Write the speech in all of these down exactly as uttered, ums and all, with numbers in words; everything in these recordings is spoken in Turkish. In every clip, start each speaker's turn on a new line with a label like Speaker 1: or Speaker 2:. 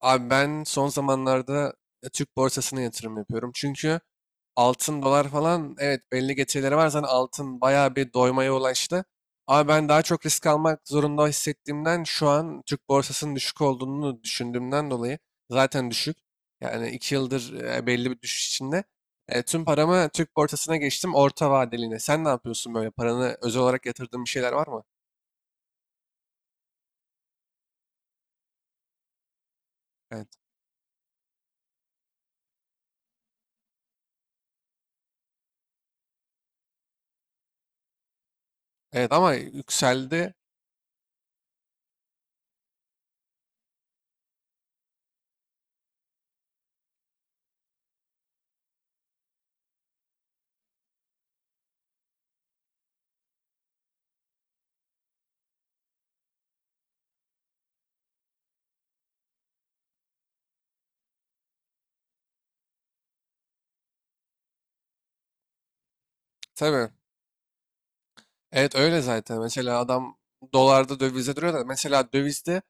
Speaker 1: Abi ben son zamanlarda e, Türk borsasına yatırım yapıyorum. Çünkü altın, dolar falan, evet, belli getirileri var. Zaten altın bayağı bir doymaya ulaştı. Ama ben daha çok risk almak zorunda hissettiğimden, şu an Türk borsasının düşük olduğunu düşündüğümden dolayı, zaten düşük. Yani iki yıldır e, belli bir düşüş içinde. E, tüm paramı Türk borsasına geçtim, orta vadeliğine. Sen ne yapıyorsun böyle? Paranı özel olarak yatırdığın bir şeyler var mı? Evet. Evet, ama yükseldi. Tabii. Evet, öyle zaten. Mesela adam dolarda, dövizde duruyor da, mesela dövizde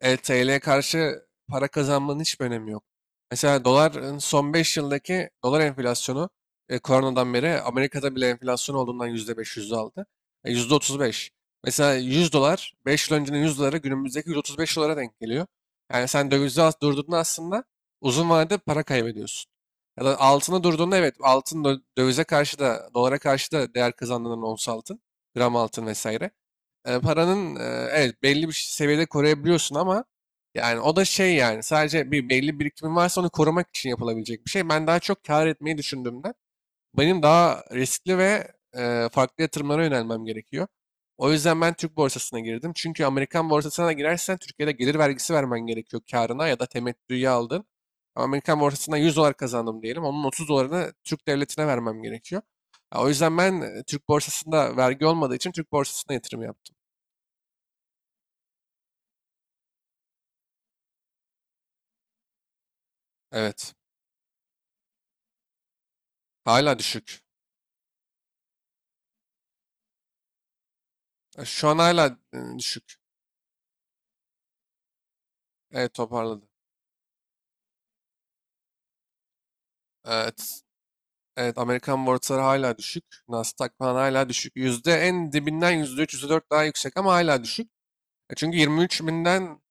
Speaker 1: e, T L'ye karşı para kazanmanın hiçbir önemi yok. Mesela doların son beş yıldaki dolar enflasyonu, e, koronadan beri Amerika'da bile enflasyon olduğundan, yüzde beş yüzde aldı. E, yüzde otuz beş. Mesela yüz dolar, beş yıl öncenin yüz doları, günümüzdeki yüz otuz beş dolara denk geliyor. Yani sen dövizde as- durduğunda, aslında uzun vadede para kaybediyorsun. Ya da altına durduğunda, evet, altın dö- dövize karşı da, dolara karşı da değer kazandığından, ons altın, gram altın vesaire. E, paranın e, evet, belli bir seviyede koruyabiliyorsun ama yani o da şey, yani sadece bir belli birikimin varsa onu korumak için yapılabilecek bir şey. Ben daha çok kar etmeyi düşündüğümden, benim daha riskli ve e, farklı yatırımlara yönelmem gerekiyor. O yüzden ben Türk borsasına girdim. Çünkü Amerikan borsasına da girersen, Türkiye'de gelir vergisi vermen gerekiyor, karına ya da temettüye aldın. Ama Amerikan borsasına 100 dolar kazandım diyelim, onun 30 dolarını Türk devletine vermem gerekiyor. Ya, o yüzden ben e, Türk borsasında vergi olmadığı için Türk borsasına yatırım yaptım. Evet. Hala düşük. E, Şu an hala e, düşük. Evet, toparladı. Evet. Evet, Amerikan borsaları hala düşük. Nasdaq falan hala düşük. Yüzde en dibinden yüzde üç, yüzde dört daha yüksek ama hala düşük. E Çünkü 23 binden,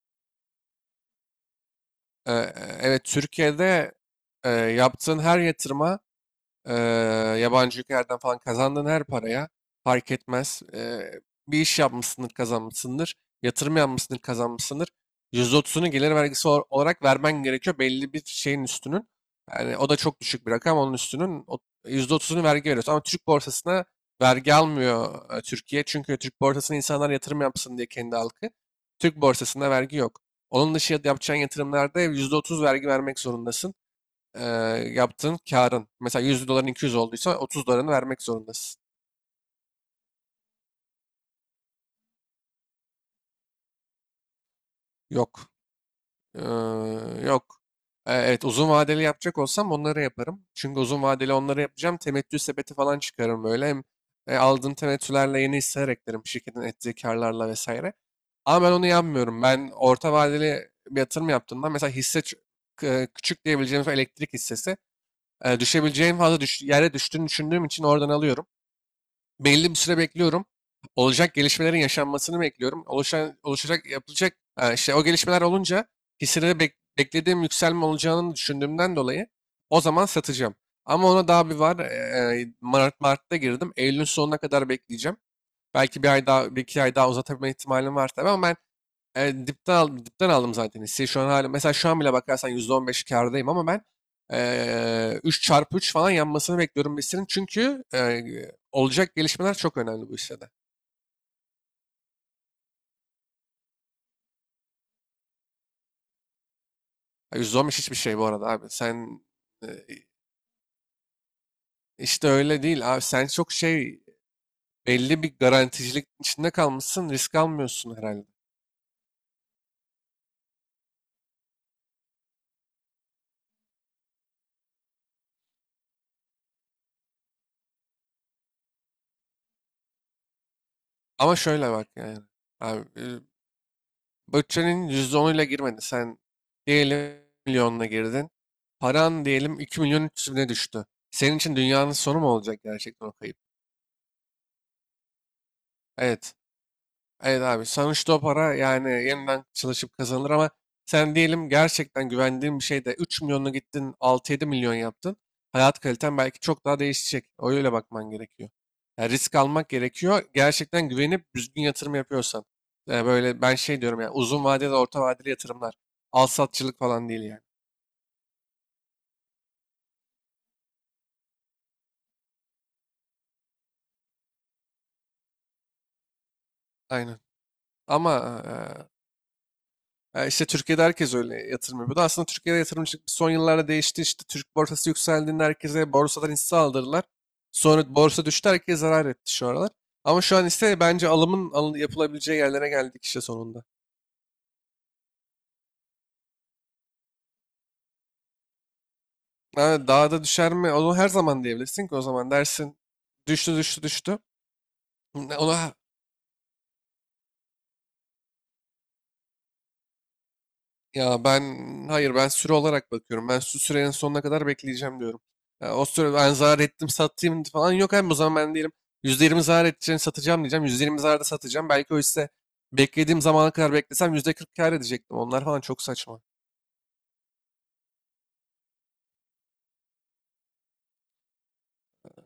Speaker 1: e, e, evet, Türkiye'de, e, yaptığın her yatırıma, Eee, yabancı ülkelerden falan kazandığın her paraya, fark etmez. Eee, bir iş yapmışsındır, kazanmışsındır. Yatırım yapmışsındır, kazanmışsındır. yüzde otuzunu gelir vergisi ol- olarak vermen gerekiyor, belli bir şeyin üstünün. Yani o da çok düşük bir rakam. Onun üstünün o- yüzde otuzunu vergi veriyorsun. Ama Türk borsasına vergi almıyor e, Türkiye. Çünkü Türk borsasına insanlar yatırım yapsın diye, kendi halkı. Türk borsasında vergi yok. Onun dışı yapacağın yatırımlarda yüzde otuz vergi vermek zorundasın, e, yaptığın karın. Mesela 100 doların 200 olduysa 30 dolarını vermek zorundasın. Yok. Ee, yok. Ee, evet, uzun vadeli yapacak olsam onları yaparım. Çünkü uzun vadeli onları yapacağım. Temettü sepeti falan çıkarım böyle. Hem e, aldığım temettülerle yeni hisseler eklerim, şirketin ettiği karlarla vesaire. Ama ben onu yapmıyorum. Ben orta vadeli bir yatırım yaptığımda, mesela hisse ç- k- küçük diyebileceğimiz o elektrik hissesi, e, düşebileceğin fazla düş, yere düştüğünü düşündüğüm için oradan alıyorum, belli bir süre bekliyorum. Olacak gelişmelerin yaşanmasını bekliyorum. Oluşan, oluşacak, yapılacak, e, işte o gelişmeler olunca, hisseleri bek- beklediğim yükselme olacağını düşündüğümden dolayı o zaman satacağım. Ama ona daha bir var. e, e, Mart, Mart'ta girdim. Eylül'ün sonuna kadar bekleyeceğim. Belki bir ay daha, bir iki ay daha uzatabilme ihtimalim var tabii, ama ben e, dipten aldım, dipten aldım zaten hisseyi. Şu an hala, mesela şu an bile bakarsan yüzde on beş kârdayım, ama ben e, üç çarpı üç falan yanmasını bekliyorum hissinin. Çünkü e, olacak gelişmeler çok önemli bu hissede. Ya, yüzde on beş hiçbir şey bu arada abi. Sen e, işte öyle değil abi. Sen çok şey, belli bir garanticilik içinde kalmışsın. Risk almıyorsun herhalde. Ama şöyle bak yani. Abi, bütçenin yüzde onuyla girmedin. Sen diyelim milyonla girdin. Paran diyelim iki milyon üç yüz bine düştü. Senin için dünyanın sonu mu olacak gerçekten o kayıp? Evet. Evet abi, sonuçta o para yani yeniden çalışıp kazanılır ama sen diyelim gerçekten güvendiğin bir şeyde üç milyonla gittin, altı yedi milyon yaptın. Hayat kaliten belki çok daha değişecek. Öyle bakman gerekiyor. Yani risk almak gerekiyor, gerçekten güvenip düzgün yatırım yapıyorsan. Yani böyle ben şey diyorum, yani uzun vadeli, orta vadeli yatırımlar. Al satçılık falan değil yani. Aynen. Ama e, E, işte Türkiye'de herkes öyle yatırım yapıyordu. Aslında Türkiye'de yatırımcılık son yıllarda değişti. İşte Türk borsası yükseldiğinde herkese borsadan hisse aldırdılar. Sonra borsa düştü, herkes zarar etti şu aralar. Ama şu an ise bence alımın alın- yapılabileceği yerlere geldik işte sonunda. Yani daha da düşer mi? Onu her zaman diyebilirsin ki, o zaman dersin düştü, düştü, düştü. Ona Ya ben hayır, ben süre olarak bakıyorum. Ben şu sürenin sonuna kadar bekleyeceğim diyorum. Ya, o süre ben zarar ettim satayım falan yok. Hem o zaman ben diyelim yüzde yirmi zarar edeceğini satacağım diyeceğim, yüzde yirmi zararda satacağım. Belki o hisse beklediğim zamana kadar beklesem yüzde kırk kâr edecektim. Onlar falan çok saçma.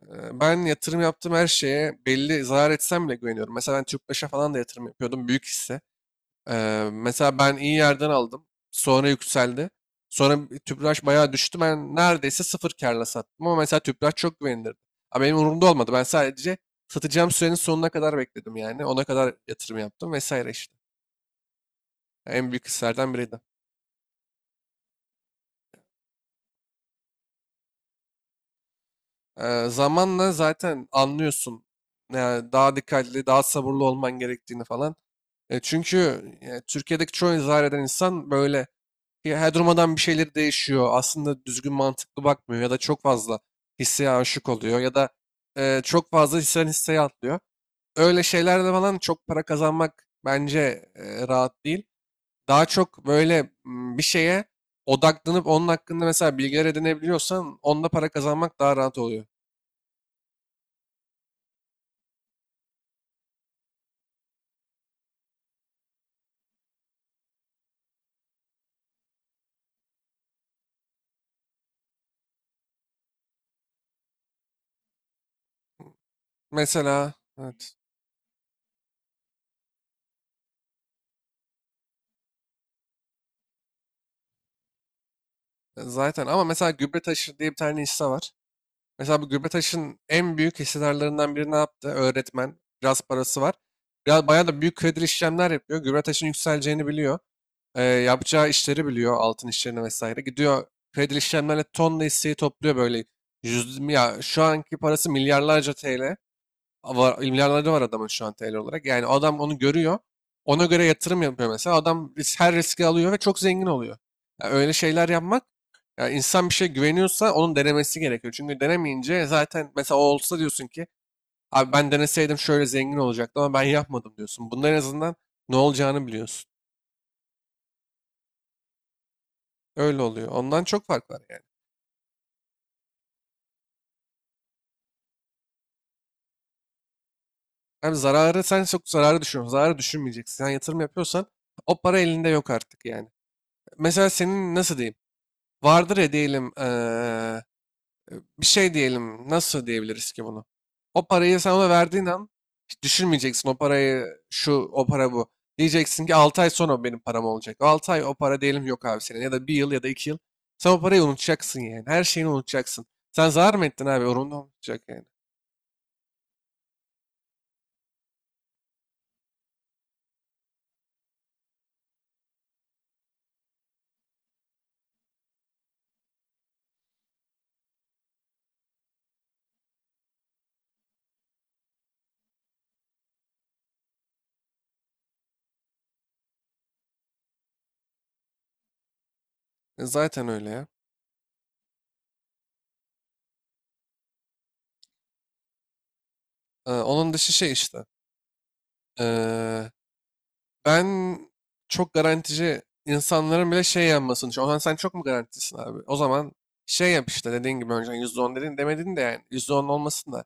Speaker 1: Ee, Ben yatırım yaptığım her şeye, belli zarar etsem bile güveniyorum. Mesela ben Tüpraş'a falan da yatırım yapıyordum, büyük hisse. Ee, mesela ben iyi yerden aldım. Sonra yükseldi. Sonra bir Tüpraş bayağı düştü. Ben neredeyse sıfır kârla sattım, ama mesela Tüpraş çok güvenilirdi. Ama benim umurumda olmadı. Ben sadece satacağım sürenin sonuna kadar bekledim yani. Ona kadar yatırım yaptım vesaire işte. Yani en büyük hislerden biriydi. Ee, zamanla zaten anlıyorsun. Yani daha dikkatli, daha sabırlı olman gerektiğini falan. E, çünkü e, Türkiye'deki çoğu zar eden insan böyle. Ya, her durmadan bir şeyleri değişiyor. Aslında düzgün mantıklı bakmıyor, ya da çok fazla hisseye aşık oluyor, ya da e, çok fazla hisseden hisseye atlıyor. Öyle şeylerle falan çok para kazanmak bence e, rahat değil. Daha çok böyle, m, bir şeye odaklanıp onun hakkında mesela bilgiler edinebiliyorsan, onda para kazanmak daha rahat oluyor. Mesela evet, e, zaten ama mesela gübre taşır diye bir tane hisse var. Mesela bu Gülbetaş'ın en büyük hissedarlarından biri ne yaptı? Öğretmen. Biraz parası var. Biraz bayağı da büyük kredili işlemler yapıyor. Gülbetaş'ın yükseleceğini biliyor. Ee, yapacağı işleri biliyor, altın işlerini vesaire. Gidiyor kredili işlemlerle tonla hisseyi topluyor böyle. Yüz, ya, şu anki parası milyarlarca T L var, milyarları var adamın şu an T L olarak. Yani adam onu görüyor, ona göre yatırım yapıyor mesela. Adam ris- her riski alıyor ve çok zengin oluyor. Ya, öyle şeyler yapmak, ya insan bir şey güveniyorsa onun denemesi gerekiyor. Çünkü denemeyince zaten, mesela o olsa, diyorsun ki abi ben deneseydim şöyle zengin olacaktım ama ben yapmadım diyorsun. Bunların en azından ne olacağını biliyorsun. Öyle oluyor. Ondan çok fark var yani. Hem zararı, sen çok zararı düşünüyorsun. Zararı düşünmeyeceksin. Sen yatırım yapıyorsan, o para elinde yok artık yani. Mesela senin nasıl diyeyim? Vardır ya, diyelim, eee, bir şey diyelim, nasıl diyebiliriz ki bunu? O parayı sen ona verdiğin an, hiç düşünmeyeceksin o parayı, şu o para bu. Diyeceksin ki altı ay sonra o benim param olacak. altı ay o para diyelim yok abi senin, ya da bir yıl, ya da iki yıl. Sen o parayı unutacaksın yani, her şeyini unutacaksın. Sen zarar mı ettin abi? Umurunda, unutacak yani. E, zaten öyle ya. E, onun dışı şey işte. E, Ben çok garantici insanların bile şey yanmasını düşünüyorum. Ohan sen çok mu garantisin abi? O zaman şey yap işte, dediğin gibi önceden yüzde on dedin, demedin de yani, yüzde on olmasın da.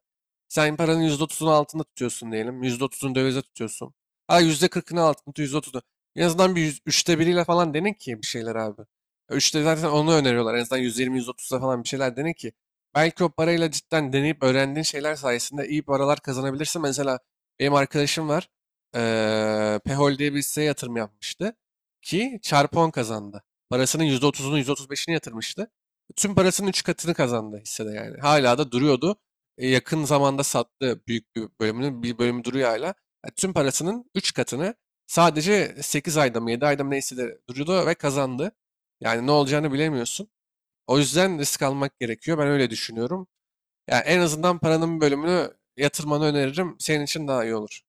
Speaker 1: Sen paranın yüzde otuzunu altında tutuyorsun diyelim, yüzde otuzunu dövize tutuyorsun. Ha, yüzde kırkını altında tut, yüzde otuzunu. En azından bir yüz- üçte biriyle falan dene ki bir şeyler abi. Üçte zaten onu öneriyorlar. En azından yüz yirmi yüz otuza falan bir şeyler dene ki. Belki o parayla cidden deneyip öğrendiğin şeyler sayesinde iyi paralar kazanabilirsin. Mesela benim arkadaşım var, eee Pehol diye bir hisseye yatırım yapmıştı ki çarpı on kazandı. Parasının yüzde otuzunu, yüzde otuz beşini yatırmıştı. Tüm parasının üç katını kazandı hissede yani. Hala da duruyordu. E, yakın zamanda sattı büyük bir bölümünü. Bir bölümü duruyor hala. Yani tüm parasının üç katını sadece sekiz ayda mı, yedi ayda mı, neyse, de duruyordu ve kazandı. Yani ne olacağını bilemiyorsun. O yüzden risk almak gerekiyor, ben öyle düşünüyorum. Yani en azından paranın bir bölümünü yatırmanı öneririm. Senin için daha iyi olur.